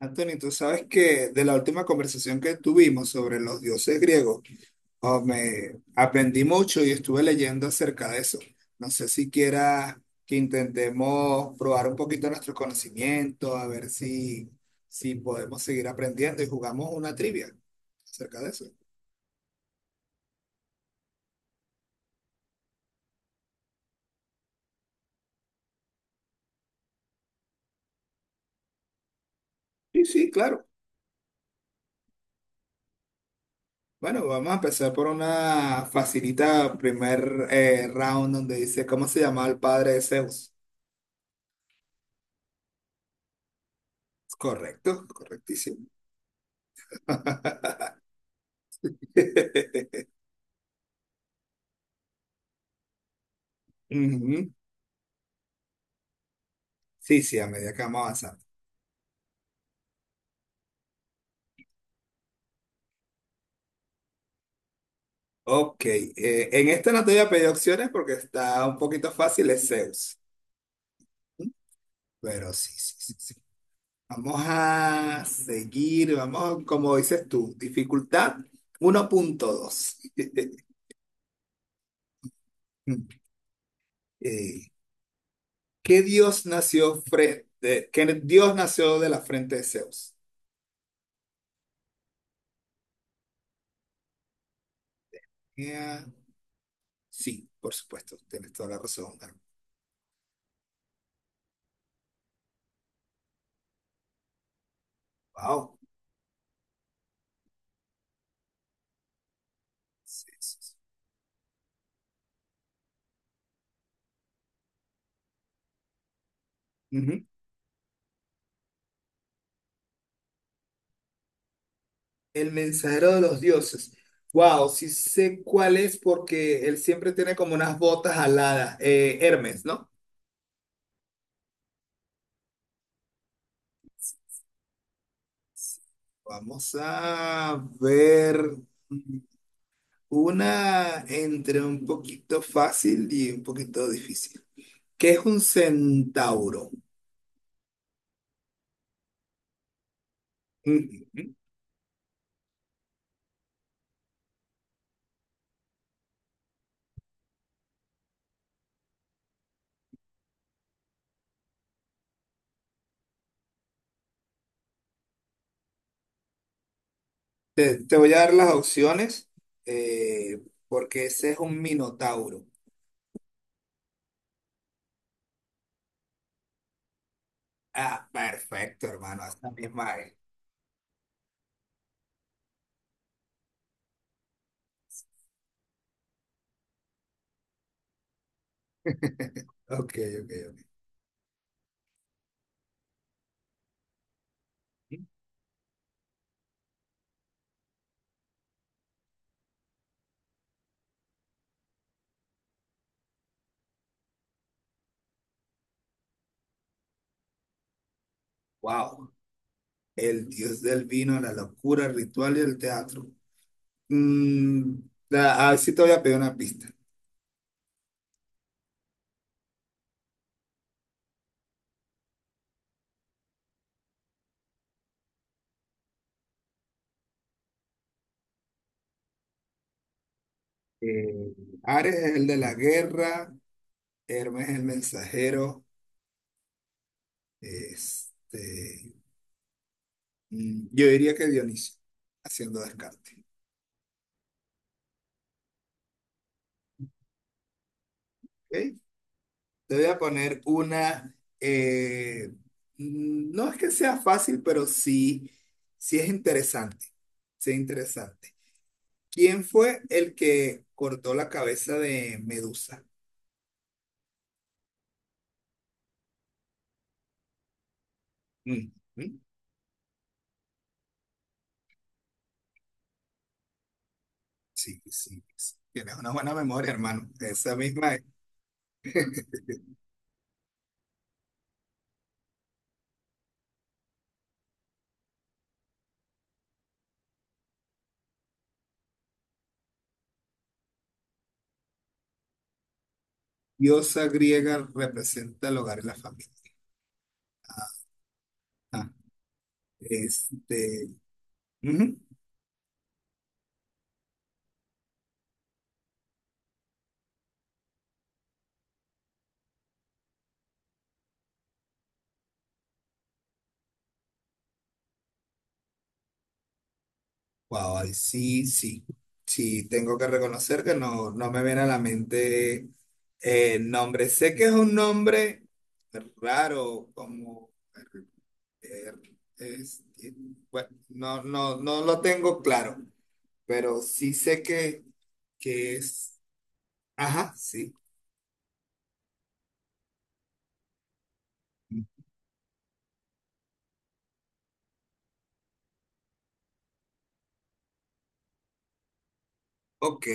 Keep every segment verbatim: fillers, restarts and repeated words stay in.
Anthony, tú sabes que de la última conversación que tuvimos sobre los dioses griegos, oh, me aprendí mucho y estuve leyendo acerca de eso. No sé si quieras que intentemos probar un poquito nuestro conocimiento, a ver si, si podemos seguir aprendiendo y jugamos una trivia acerca de eso. Sí, sí, claro. Bueno, vamos a empezar por una facilita primer eh, round donde dice, ¿cómo se llamaba el padre de Zeus? Correcto, correctísimo. Ujú. Sí, sí, a medida que vamos avanzando. Ok, eh, en esta no te voy a pedir opciones porque está un poquito fácil, es Zeus. Pero sí, sí, sí, sí. Vamos a seguir, vamos, como dices tú, dificultad uno punto dos. Eh, ¿qué dios nació frente, qué dios nació de la frente de Zeus? Eh, sí, por supuesto, tienes toda la razón. Wow. El mensajero de los dioses. Wow, sí sé cuál es porque él siempre tiene como unas botas aladas. Eh, Hermes, ¿no? Vamos a ver una entre un poquito fácil y un poquito difícil. ¿Qué es un centauro? Mm, Te, te voy a dar las opciones eh, porque ese es un minotauro. Ah, perfecto, hermano. Esta misma es. Ok, ok, ok. Wow. El dios del vino, la locura, el ritual y el teatro. Mm, la- ah, sí te voy a pedir una pista. Eh, Ares es el de la guerra, Hermes es el mensajero. Este, mm, yo diría que Dionisio, haciendo descarte. ¿Ok? Te voy a poner una, eh, mm, no es que sea fácil, pero sí, sí es interesante. Sí es interesante. ¿Quién fue el que cortó la cabeza de Medusa? Ujú. Sí, sí, sí. Tienes una buena memoria, hermano. Esa misma es. Diosa griega representa el hogar y la familia. Ajá. Este, ujú. Wow, ahí sí, sí. Sí, tengo que reconocer que no, no me viene a la mente el nombre. Sé que es un nombre raro, como eh, este, bueno, no, no, no lo tengo claro, pero sí sé que, que es. Ajá, sí. Ok,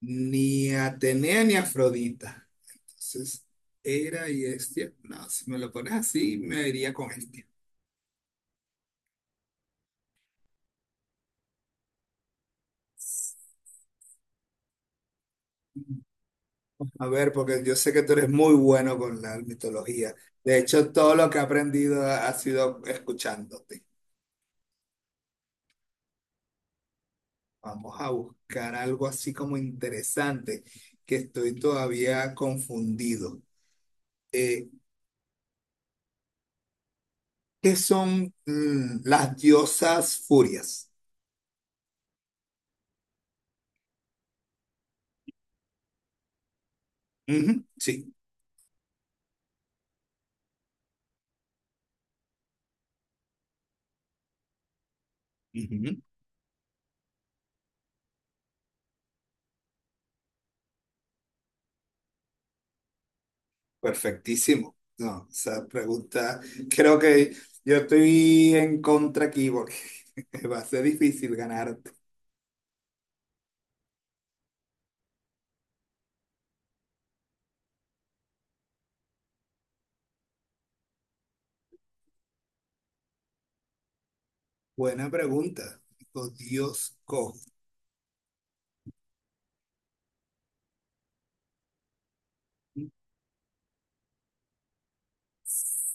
ni Atenea ni Afrodita. Entonces, Hera y Hestia. No, si me lo pones así, me iría con Hestia. A ver, porque yo sé que tú eres muy bueno con la mitología. De hecho, todo lo que he aprendido ha ha sido escuchándote. Vamos a buscar algo así como interesante, que estoy todavía confundido. Eh, ¿qué son mm, las diosas furias? Ujú, sí. Ujú. Perfectísimo. No, esa pregunta, creo que yo estoy en contra aquí porque va a ser difícil ganarte. Buena pregunta. Oh, Dios cojo.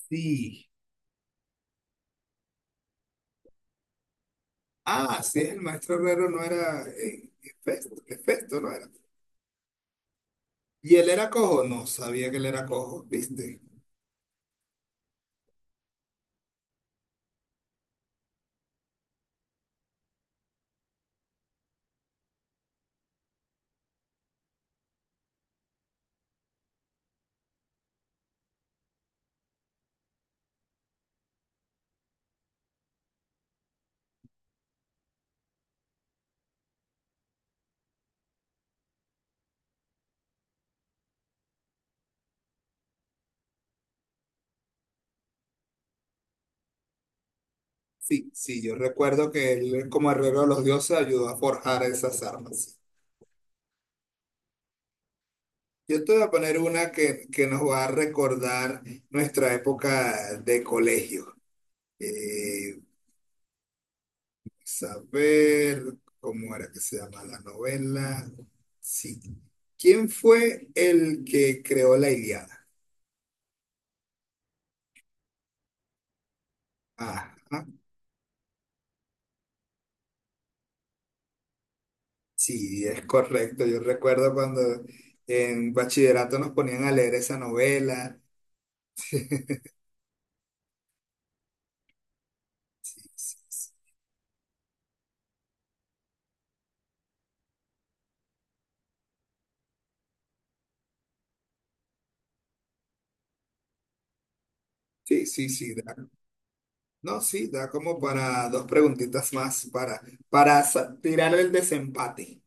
Sí. Ah, sí, el maestro Herrero no era eh, Hefesto, Hefesto no era. ¿Y él era cojo? No, sabía que él era cojo, ¿viste? Sí, sí, yo recuerdo que él, como Herrero de los Dioses, ayudó a forjar esas armas. Yo te voy a poner una que, que nos va a recordar nuestra época de colegio. Eh, saber cómo era que se llama la novela. Sí. ¿Quién fue el que creó la Ilíada? Ajá. Sí, es correcto. Yo recuerdo cuando en bachillerato nos ponían a leer esa novela. Sí, sí, sí. Da, no, sí, da como para dos preguntitas más para, para sa- tirar el desempate.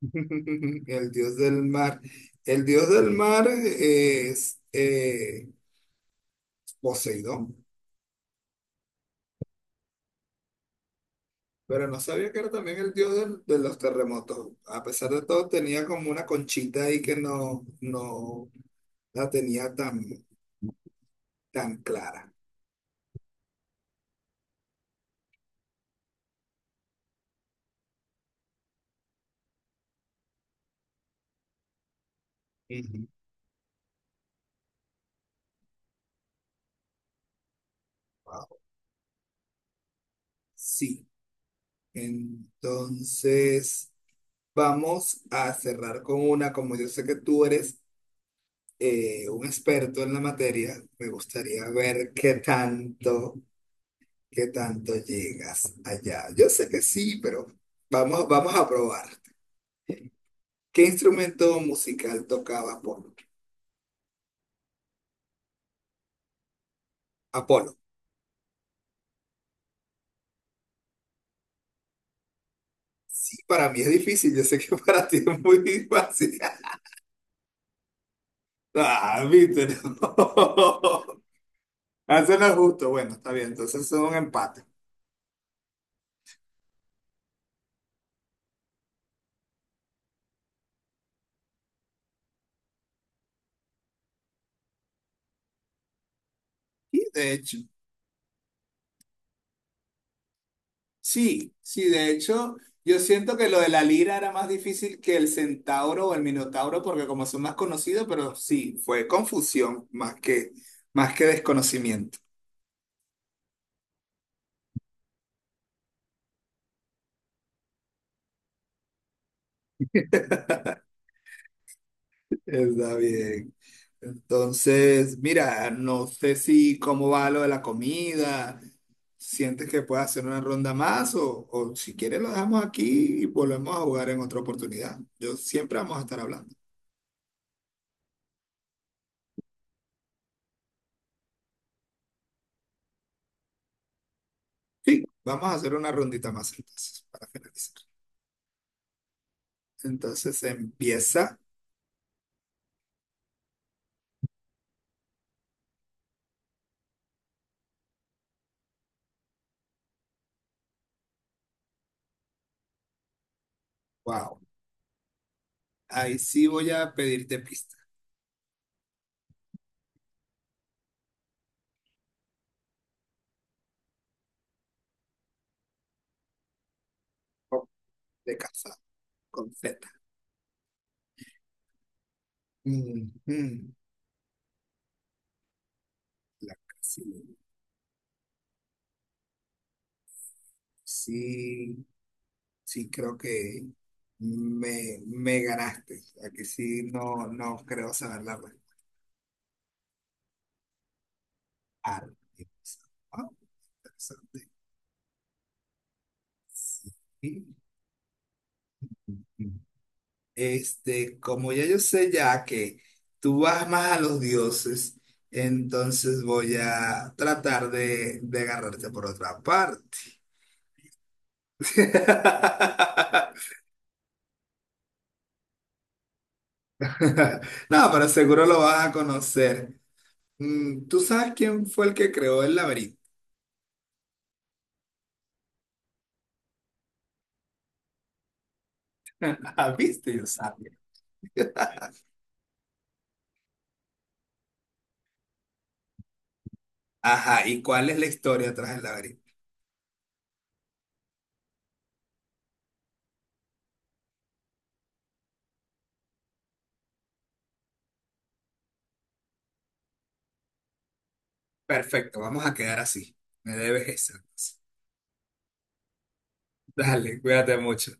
El dios del mar. El dios del mar es eh, Poseidón, pero no sabía que era también el dios del- de los terremotos. A pesar de todo, tenía como una conchita ahí que no, no la tenía tan, tan clara. Ujú. Wow. Sí, entonces vamos a cerrar con una, como yo sé que tú eres eh, un experto en la materia, me gustaría ver qué tanto. ¿Qué tanto llegas allá? Yo sé que sí, pero vamos, vamos a probar. ¿Qué instrumento musical tocaba Apolo? Apolo. Sí, para mí es difícil, yo sé que para ti es muy fácil. Ah, viste, no. Eso no es justo. Bueno, está bien, entonces es un empate. Y de hecho, sí, sí, de hecho, yo siento que lo de la lira era más difícil que el centauro o el minotauro, porque como son más conocidos, pero sí, fue confusión más que, más que desconocimiento. Está bien. Entonces, mira, no sé si cómo va lo de la comida. ¿Sientes que puedes hacer una ronda más? O, o si quieres lo dejamos aquí y volvemos a jugar en otra oportunidad. Yo siempre vamos a estar hablando. Sí, vamos a hacer una rondita más entonces para finalizar. Entonces empieza. Wow. Ahí sí voy a pedirte pista. Oh, de casa, con Z. Ujú, la casilla. Sí. Sí, creo que me, me ganaste. Aquí sí no, no creo saber la respuesta. Arte. Ah, interesante. Sí. Este, como ya yo sé ya que tú vas más a los dioses, entonces voy a tratar de, de agarrarte por otra parte. No, pero seguro lo vas a conocer. Mm, ¿tú sabes quién fue el que creó el laberinto? ¿Viste? Yo sabía. Ajá, ¿y cuál es la historia tras el laberinto? Perfecto, vamos a quedar así. Me debes esa, pues. Dale, cuídate mucho.